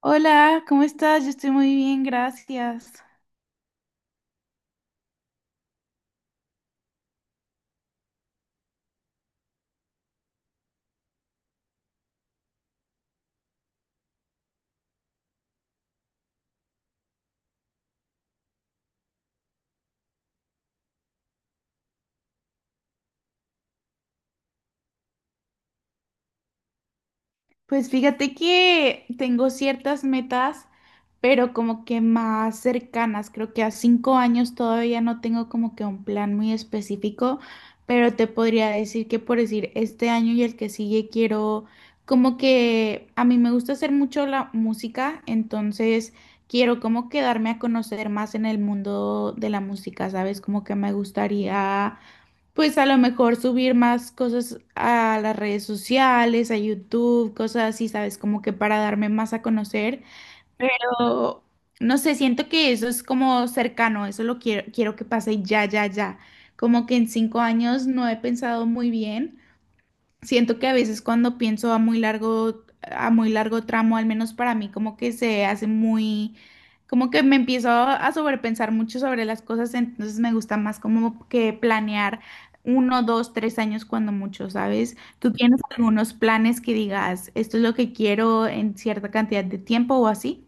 Hola, ¿cómo estás? Yo estoy muy bien, gracias. Pues fíjate que tengo ciertas metas, pero como que más cercanas. Creo que a 5 años todavía no tengo como que un plan muy específico, pero te podría decir que por decir este año y el que sigue quiero, como que a mí me gusta hacer mucho la música, entonces quiero como que darme a conocer más en el mundo de la música, ¿sabes? Como que me gustaría. Pues a lo mejor subir más cosas a las redes sociales, a YouTube, cosas así, ¿sabes? Como que para darme más a conocer. Pero no sé, siento que eso es como cercano, eso lo quiero, que pase ya, ya, ya. Como que en 5 años no he pensado muy bien. Siento que a veces cuando pienso a muy largo tramo, al menos para mí, como que se hace muy, como que me empiezo a sobrepensar mucho sobre las cosas, entonces me gusta más como que planear 1, 2, 3 años cuando mucho, ¿sabes? ¿Tú tienes algunos planes que digas, esto es lo que quiero en cierta cantidad de tiempo o así?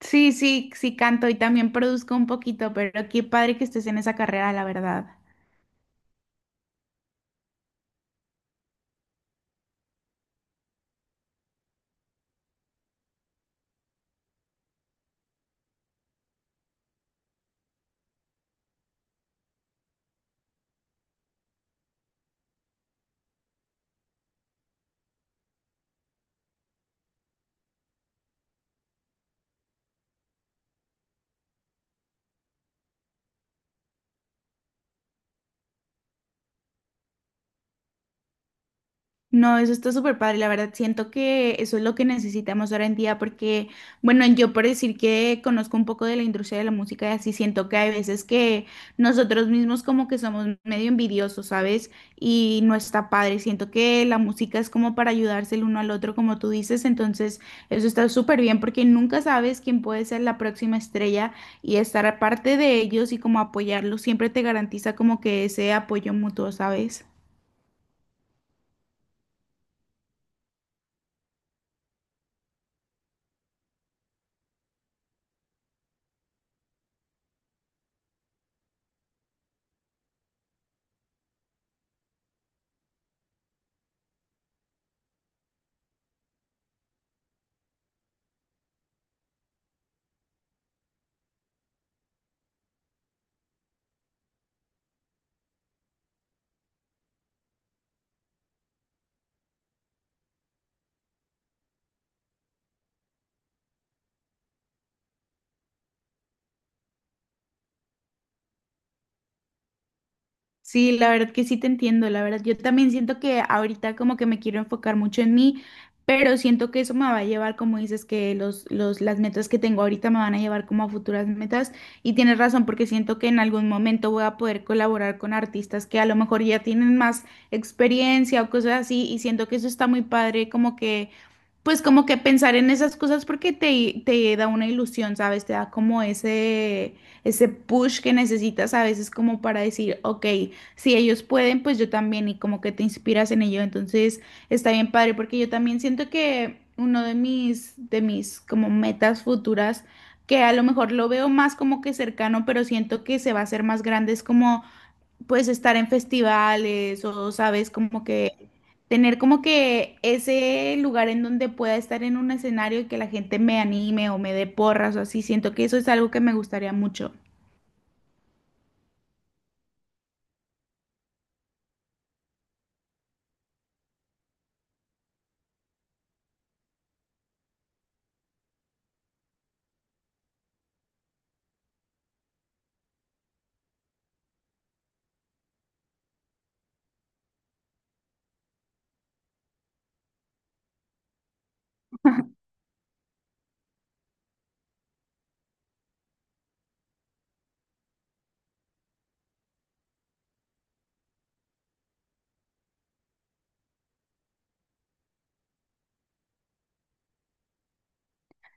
Sí, sí, sí canto y también produzco un poquito, pero qué padre que estés en esa carrera, la verdad. No, eso está súper padre. La verdad, siento que eso es lo que necesitamos ahora en día porque, bueno, yo por decir que conozco un poco de la industria de la música y así, siento que hay veces que nosotros mismos como que somos medio envidiosos, ¿sabes? Y no está padre. Siento que la música es como para ayudarse el uno al otro, como tú dices. Entonces, eso está súper bien porque nunca sabes quién puede ser la próxima estrella y estar aparte de ellos y como apoyarlos siempre te garantiza como que ese apoyo mutuo, ¿sabes? Sí, la verdad que sí te entiendo, la verdad. Yo también siento que ahorita como que me quiero enfocar mucho en mí, pero siento que eso me va a llevar, como dices, que las metas que tengo ahorita me van a llevar como a futuras metas. Y tienes razón, porque siento que en algún momento voy a poder colaborar con artistas que a lo mejor ya tienen más experiencia o cosas así, y siento que eso está muy padre, como que pues como que pensar en esas cosas porque te da una ilusión, ¿sabes? Te da como ese push que necesitas a veces como para decir, ok, si ellos pueden, pues yo también y como que te inspiras en ello. Entonces está bien padre porque yo también siento que uno de mis, como metas futuras, que a lo mejor lo veo más como que cercano, pero siento que se va a hacer más grande, es como pues estar en festivales o, sabes, como que tener como que ese lugar en donde pueda estar en un escenario y que la gente me anime o me dé porras o así, siento que eso es algo que me gustaría mucho.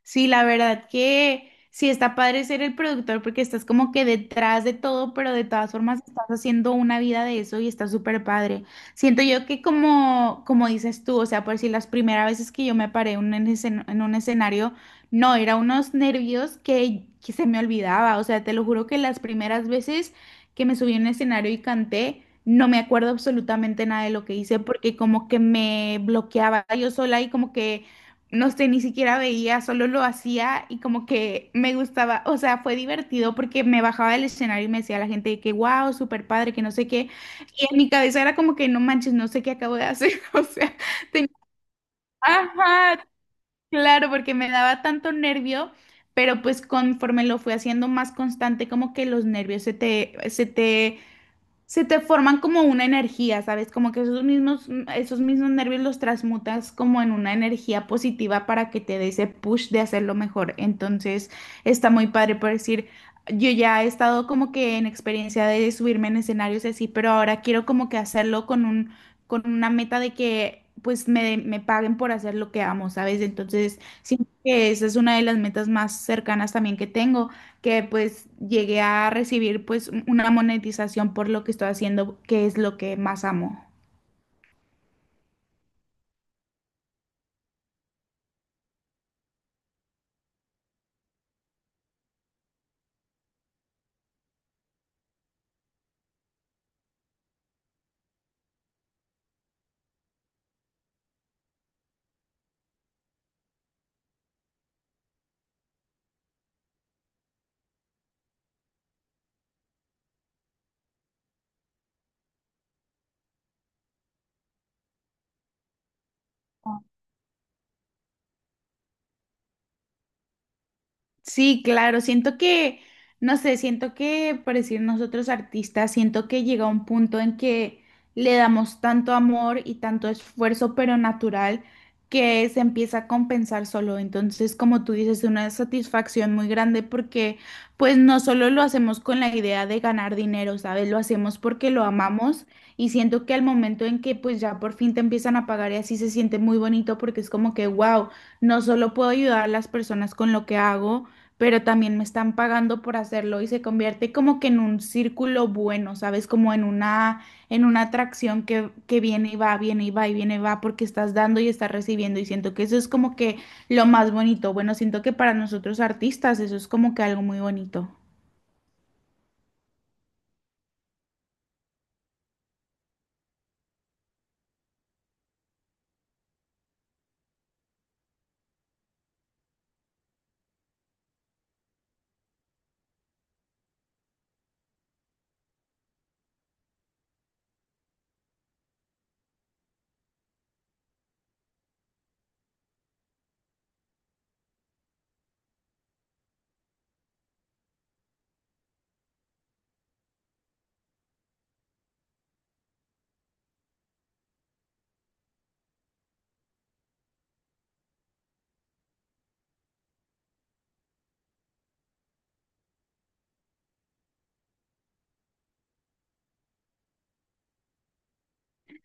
Sí, la verdad que sí está padre ser el productor porque estás como que detrás de todo, pero de todas formas estás haciendo una vida de eso y está súper padre. Siento yo que como, dices tú, o sea, por si las primeras veces que yo me paré en un escenario, no, era unos nervios que se me olvidaba. O sea, te lo juro que las primeras veces que me subí a un escenario y canté, no me acuerdo absolutamente nada de lo que hice porque como que me bloqueaba yo sola y como que no sé, ni siquiera veía, solo lo hacía y como que me gustaba, o sea, fue divertido porque me bajaba del escenario y me decía a la gente de que wow, súper padre, que no sé qué, y en mi cabeza era como que no manches, no sé qué acabo de hacer, o sea, tenía, ajá, claro, porque me daba tanto nervio, pero pues conforme lo fui haciendo más constante, como que los nervios se te forman como una energía, ¿sabes? Como que esos mismos, nervios los transmutas como en una energía positiva para que te dé ese push de hacerlo mejor. Entonces, está muy padre por decir, yo ya he estado como que en experiencia de subirme en escenarios así, pero ahora quiero como que hacerlo con una meta de que pues me paguen por hacer lo que amo, ¿sabes? Entonces, siento que esa es una de las metas más cercanas también que tengo que pues llegué a recibir pues una monetización por lo que estoy haciendo, que es lo que más amo. Sí, claro, siento que, no sé, siento que, por decir nosotros artistas, siento que llega un punto en que le damos tanto amor y tanto esfuerzo, pero natural, que se empieza a compensar solo. Entonces, como tú dices, una satisfacción muy grande porque, pues, no solo lo hacemos con la idea de ganar dinero, ¿sabes? Lo hacemos porque lo amamos y siento que al momento en que, pues, ya por fin te empiezan a pagar y así se siente muy bonito porque es como que, wow, no solo puedo ayudar a las personas con lo que hago, pero también me están pagando por hacerlo y se convierte como que en un círculo bueno, ¿sabes? Como en una, atracción que viene y va y viene y va porque estás dando y estás recibiendo y siento que eso es como que lo más bonito. Bueno, siento que para nosotros artistas eso es como que algo muy bonito.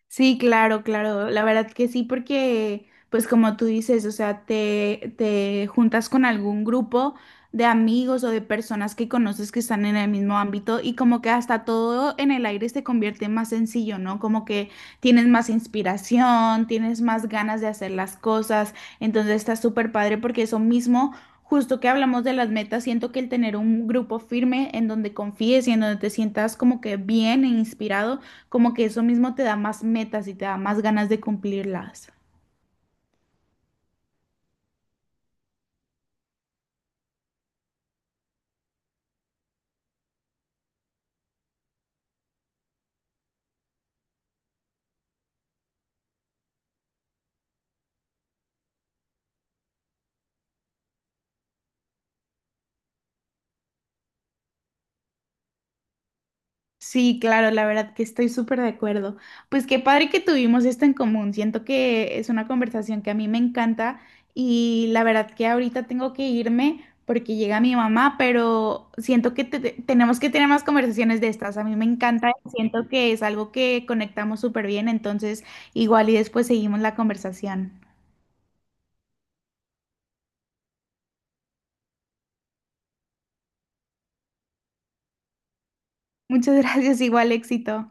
Sí, claro, claro. La verdad que sí, porque, pues como tú dices, o sea, te juntas con algún grupo de amigos o de personas que conoces que están en el mismo ámbito y como que hasta todo en el aire se convierte más sencillo, ¿no? Como que tienes más inspiración, tienes más ganas de hacer las cosas. Entonces está súper padre porque eso mismo, justo que hablamos de las metas, siento que el tener un grupo firme en donde confíes y en donde te sientas como que bien e inspirado como que eso mismo te da más metas y te da más ganas de cumplirlas. Sí, claro, la verdad que estoy súper de acuerdo. Pues qué padre que tuvimos esto en común. Siento que es una conversación que a mí me encanta y la verdad que ahorita tengo que irme porque llega mi mamá, pero siento que tenemos que tener más conversaciones de estas. A mí me encanta, siento que es algo que conectamos súper bien, entonces igual y después seguimos la conversación. Muchas gracias, igual éxito.